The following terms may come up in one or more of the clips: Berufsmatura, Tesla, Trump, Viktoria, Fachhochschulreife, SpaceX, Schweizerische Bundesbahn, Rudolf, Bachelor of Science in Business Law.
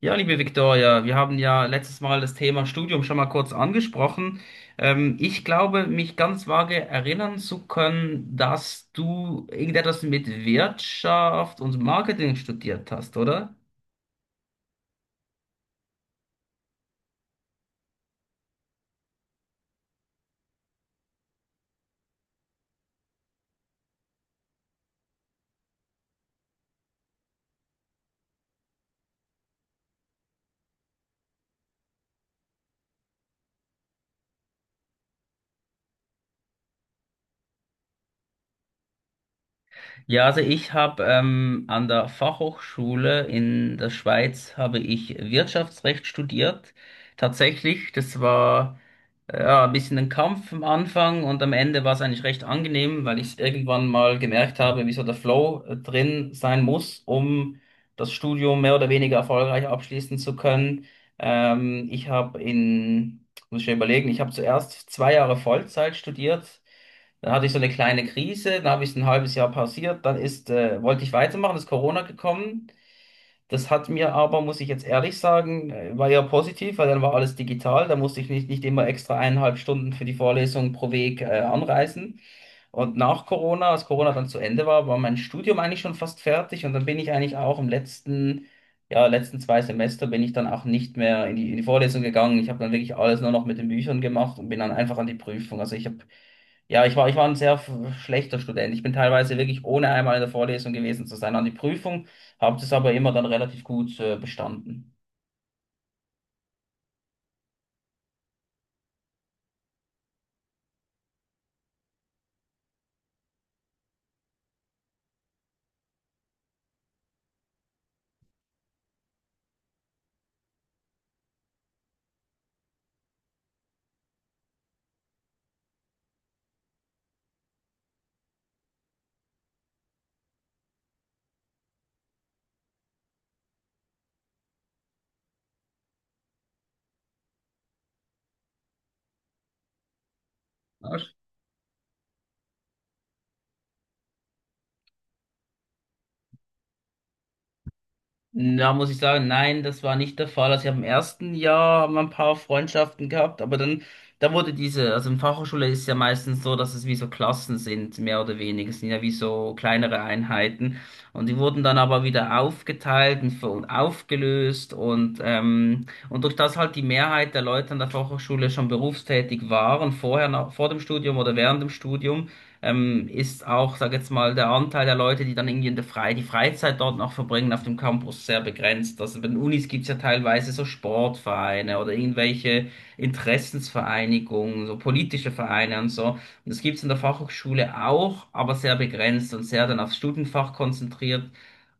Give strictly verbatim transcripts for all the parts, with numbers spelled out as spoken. Ja, liebe Viktoria, wir haben ja letztes Mal das Thema Studium schon mal kurz angesprochen. Ähm, ich glaube, mich ganz vage erinnern zu können, dass du irgendetwas mit Wirtschaft und Marketing studiert hast, oder? Ja, also ich habe ähm, an der Fachhochschule in der Schweiz habe ich Wirtschaftsrecht studiert. Tatsächlich, das war äh, ja, ein bisschen ein Kampf am Anfang und am Ende war es eigentlich recht angenehm, weil ich irgendwann mal gemerkt habe, wie so der Flow äh, drin sein muss, um das Studium mehr oder weniger erfolgreich abschließen zu können. Ähm, ich habe in, muss ich ja überlegen, ich habe zuerst zwei Jahre Vollzeit studiert. Dann hatte ich so eine kleine Krise, dann habe ich es ein halbes Jahr pausiert, dann ist, äh, wollte ich weitermachen, ist Corona gekommen. Das hat mir aber, muss ich jetzt ehrlich sagen, äh, war ja positiv, weil dann war alles digital. Da musste ich nicht, nicht immer extra eineinhalb Stunden für die Vorlesung pro Weg äh, anreisen. Und nach Corona, als Corona dann zu Ende war, war mein Studium eigentlich schon fast fertig und dann bin ich eigentlich auch im letzten, ja, letzten zwei Semester bin ich dann auch nicht mehr in die, in die Vorlesung gegangen. Ich habe dann wirklich alles nur noch mit den Büchern gemacht und bin dann einfach an die Prüfung. Also ich habe, ja, ich war, ich war ein sehr f- schlechter Student. Ich bin teilweise wirklich ohne einmal in der Vorlesung gewesen zu sein an die Prüfung. Habt es aber immer dann relativ gut äh, bestanden. Arsch. Da muss ich sagen, nein, das war nicht der Fall. Also ich habe im ersten Jahr mal ein paar Freundschaften gehabt, aber dann, da wurde diese, also in Fachhochschule ist es ja meistens so, dass es wie so Klassen sind, mehr oder weniger. Es sind ja wie so kleinere Einheiten. Und die wurden dann aber wieder aufgeteilt und ver- aufgelöst und, ähm, und durch das halt die Mehrheit der Leute an der Fachhochschule schon berufstätig waren, vorher, nach, vor dem Studium oder während dem Studium ähm, ist auch, sag jetzt mal, der Anteil der Leute, die dann irgendwie in der Frei die Freizeit dort noch verbringen auf dem Campus, sehr begrenzt. Also bei den Unis gibt's ja teilweise so Sportvereine oder irgendwelche Interessensvereinigungen, so politische Vereine und so. Und das gibt's in der Fachhochschule auch, aber sehr begrenzt und sehr dann aufs Studienfach konzentriert.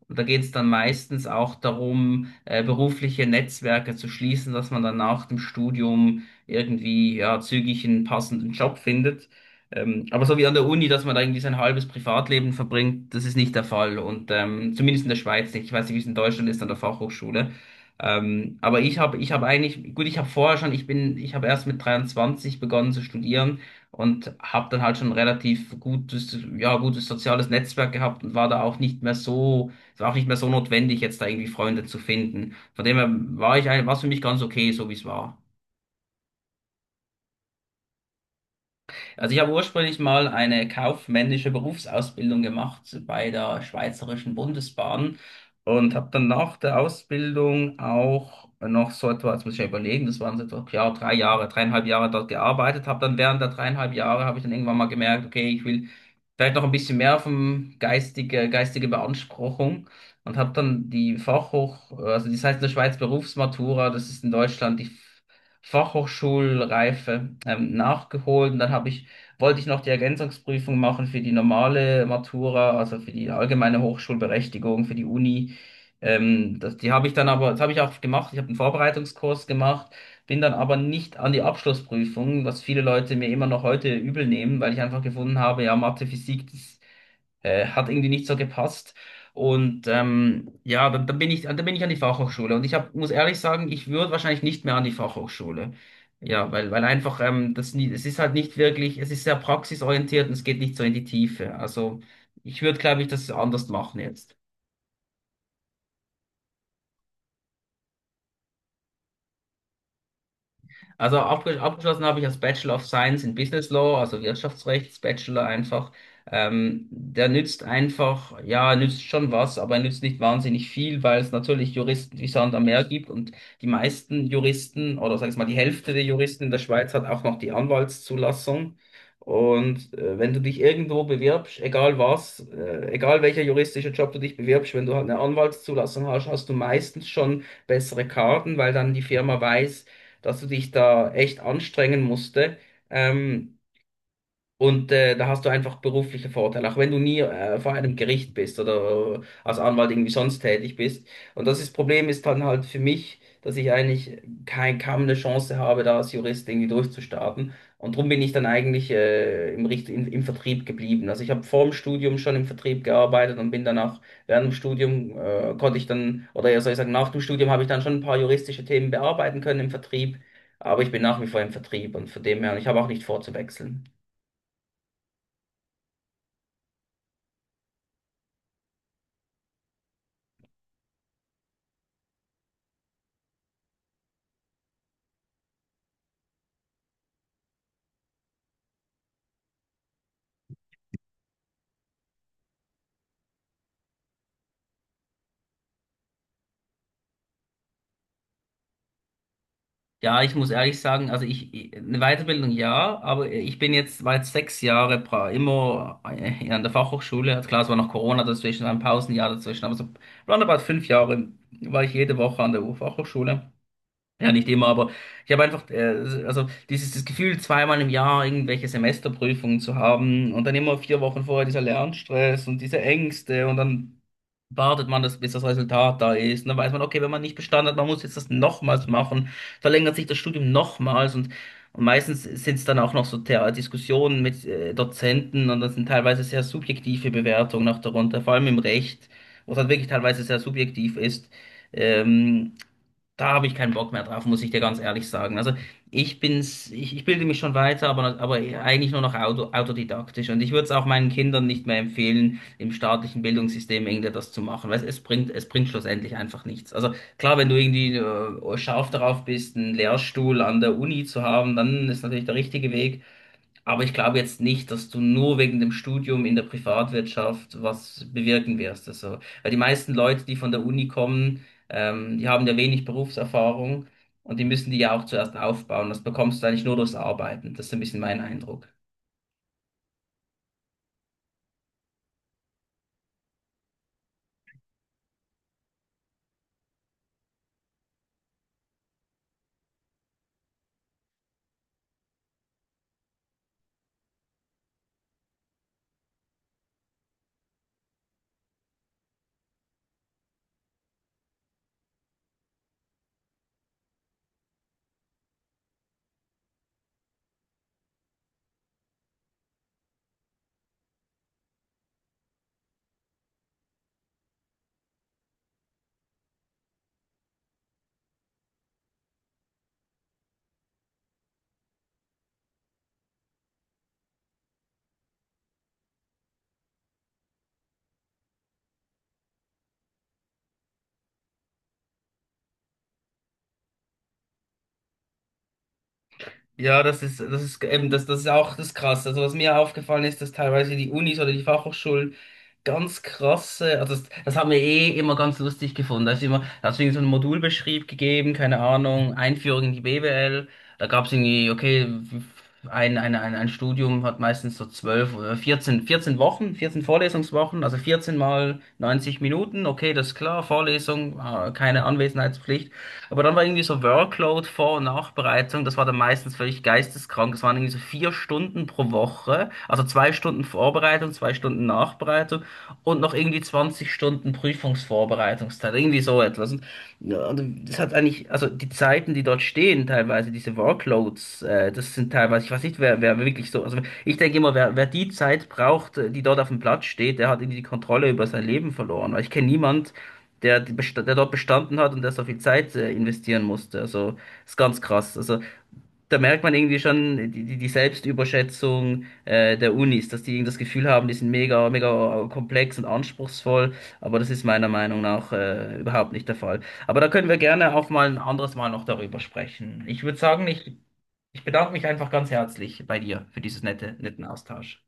Und da geht es dann meistens auch darum, äh, berufliche Netzwerke zu schließen, dass man dann nach dem Studium irgendwie ja, zügig einen passenden Job findet. Ähm, aber so wie an der Uni, dass man da irgendwie sein halbes Privatleben verbringt, das ist nicht der Fall. Und ähm, zumindest in der Schweiz nicht. Ich weiß nicht, wie es in Deutschland ist an der Fachhochschule. Ähm, aber ich habe ich habe eigentlich, gut, ich habe vorher schon, ich bin, ich habe erst mit dreiundzwanzig begonnen zu studieren und habe dann halt schon ein relativ gutes, ja, gutes soziales Netzwerk gehabt und war da auch nicht mehr so, es war auch nicht mehr so notwendig, jetzt da irgendwie Freunde zu finden. Von dem her war ich, ein- war es für mich ganz okay, so wie es war. Also ich habe ursprünglich mal eine kaufmännische Berufsausbildung gemacht bei der Schweizerischen Bundesbahn und habe dann nach der Ausbildung auch noch so etwa, jetzt muss ich ja überlegen, das waren so etwa, ja, drei Jahre, dreieinhalb Jahre dort gearbeitet. Habe dann während der dreieinhalb Jahre, habe ich dann irgendwann mal gemerkt, okay, ich will vielleicht noch ein bisschen mehr vom geistige, geistige Beanspruchung, und habe dann die Fachhoch, also das heißt in der Schweiz Berufsmatura, das ist in Deutschland die Fachhochschulreife ähm, nachgeholt. Und dann habe ich wollte ich noch die Ergänzungsprüfung machen für die normale Matura, also für die allgemeine Hochschulberechtigung, für die Uni. Ähm, das, die habe ich dann aber, das habe ich auch gemacht, ich habe einen Vorbereitungskurs gemacht, bin dann aber nicht an die Abschlussprüfung, was viele Leute mir immer noch heute übel nehmen, weil ich einfach gefunden habe, ja, Mathe, Physik, das äh, hat irgendwie nicht so gepasst. Und ähm, ja, dann, dann bin ich, dann bin ich an die Fachhochschule. Und ich hab, muss ehrlich sagen, ich würde wahrscheinlich nicht mehr an die Fachhochschule. Ja, weil, weil einfach, ähm, das, nie- es ist halt nicht wirklich, es ist sehr praxisorientiert und es geht nicht so in die Tiefe. Also ich würde, glaube ich, das anders machen jetzt. Also abge- abgeschlossen habe ich als Bachelor of Science in Business Law, also Wirtschaftsrechts Bachelor einfach. Ähm, der nützt einfach, ja, nützt schon was, aber er nützt nicht wahnsinnig viel, weil es natürlich Juristen wie Sand am Meer gibt, und die meisten Juristen oder sag ich mal die Hälfte der Juristen in der Schweiz hat auch noch die Anwaltszulassung. Und äh, wenn du dich irgendwo bewirbst, egal was, äh, egal welcher juristische Job du dich bewirbst, wenn du halt eine Anwaltszulassung hast, hast du meistens schon bessere Karten, weil dann die Firma weiß, dass du dich da echt anstrengen musste. Ähm, und äh, da hast du einfach berufliche Vorteile, auch wenn du nie äh, vor einem Gericht bist oder als Anwalt irgendwie sonst tätig bist. Und das ist, Problem ist dann halt für mich, dass ich eigentlich kein, kaum eine Chance habe, da als Jurist irgendwie durchzustarten. Und darum bin ich dann eigentlich äh, im, Richt- im, im Vertrieb geblieben. Also ich habe vor dem Studium schon im Vertrieb gearbeitet und bin dann auch während dem Studium äh, konnte ich dann, oder ja soll ich sagen, nach dem Studium habe ich dann schon ein paar juristische Themen bearbeiten können im Vertrieb. Aber ich bin nach wie vor im Vertrieb und von dem her, und ich habe auch nicht vor zu wechseln. Ja, ich muss ehrlich sagen, also ich, ich- eine Weiterbildung ja, aber ich bin jetzt, war jetzt sechs Jahre pra, immer äh, an der Fachhochschule. Also klar, es war noch Corona dazwischen, war ein Pausenjahr dazwischen, aber so roundabout fünf Jahre war ich jede Woche an der Fachhochschule. Ja, nicht immer, aber ich habe einfach, äh, also dieses das Gefühl, zweimal im Jahr irgendwelche Semesterprüfungen zu haben und dann immer vier Wochen vorher dieser Lernstress und diese Ängste, und dann wartet man, das bis das Resultat da ist. Und dann weiß man, okay, wenn man nicht bestanden hat, man muss jetzt das nochmals machen, verlängert sich das Studium nochmals. und, und meistens sind es dann auch noch so Thea- Diskussionen mit äh, Dozenten und das sind teilweise sehr subjektive Bewertungen auch darunter, vor allem im Recht, wo es halt wirklich teilweise sehr subjektiv ist. Ähm, da habe ich keinen Bock mehr drauf, muss ich dir ganz ehrlich sagen. Also ich bin's, ich, ich bilde mich schon weiter, aber, aber eigentlich nur noch auto, autodidaktisch. Und ich würde es auch meinen Kindern nicht mehr empfehlen, im staatlichen Bildungssystem irgendwie das zu machen. Weil es bringt, es bringt schlussendlich einfach nichts. Also klar, wenn du irgendwie äh, scharf darauf bist, einen Lehrstuhl an der Uni zu haben, dann ist natürlich der richtige Weg. Aber ich glaube jetzt nicht, dass du nur wegen dem Studium in der Privatwirtschaft was bewirken wirst. Also, weil die meisten Leute, die von der Uni kommen, ähm, die haben ja wenig Berufserfahrung und die müssen die ja auch zuerst aufbauen. Das bekommst du eigentlich nur durchs Arbeiten. Das ist so ein bisschen mein Eindruck. Ja, das ist, das ist eben, das, das ist auch das Krasse. Also was mir aufgefallen ist, dass teilweise die Unis oder die Fachhochschulen ganz krasse. Also das, das haben wir eh immer ganz lustig gefunden. Da ist immer, da hast du irgendwie so einen Modulbeschrieb gegeben, keine Ahnung, Einführung in die B W L. Da gab es irgendwie, okay, ein, ein, ein, ein Studium hat meistens so zwölf oder vierzehn vierzehn Wochen, vierzehn Vorlesungswochen, also vierzehn mal neunzig Minuten, okay, das ist klar, Vorlesung, ah, keine Anwesenheitspflicht. Aber dann war irgendwie so Workload, Vor- und Nachbereitung, das war dann meistens völlig geisteskrank. Das waren irgendwie so vier Stunden pro Woche, also zwei Stunden Vorbereitung, zwei Stunden Nachbereitung und noch irgendwie zwanzig Stunden Prüfungsvorbereitungszeit, irgendwie so etwas. Und ja, und das hat eigentlich, also die Zeiten, die dort stehen, teilweise diese Workloads, äh, das sind teilweise, ich weiß nicht, wer, wer wirklich so, also ich denke immer, wer, wer die Zeit braucht, äh, die dort auf dem Platz steht, der hat irgendwie die Kontrolle über sein Leben verloren. Weil ich kenne niemand, der, die besta- der dort bestanden hat und der so viel Zeit äh, investieren musste. Also ist ganz krass. Also da merkt man irgendwie schon die, die die Selbstüberschätzung äh, der Unis, dass die irgendwie das Gefühl haben, die sind mega, mega äh, komplex und anspruchsvoll, aber das ist meiner Meinung nach äh, überhaupt nicht der Fall. Aber da können wir gerne auch mal ein anderes Mal noch darüber sprechen. Ich würde sagen, ich, ich bedanke mich einfach ganz herzlich bei dir für dieses nette, netten Austausch.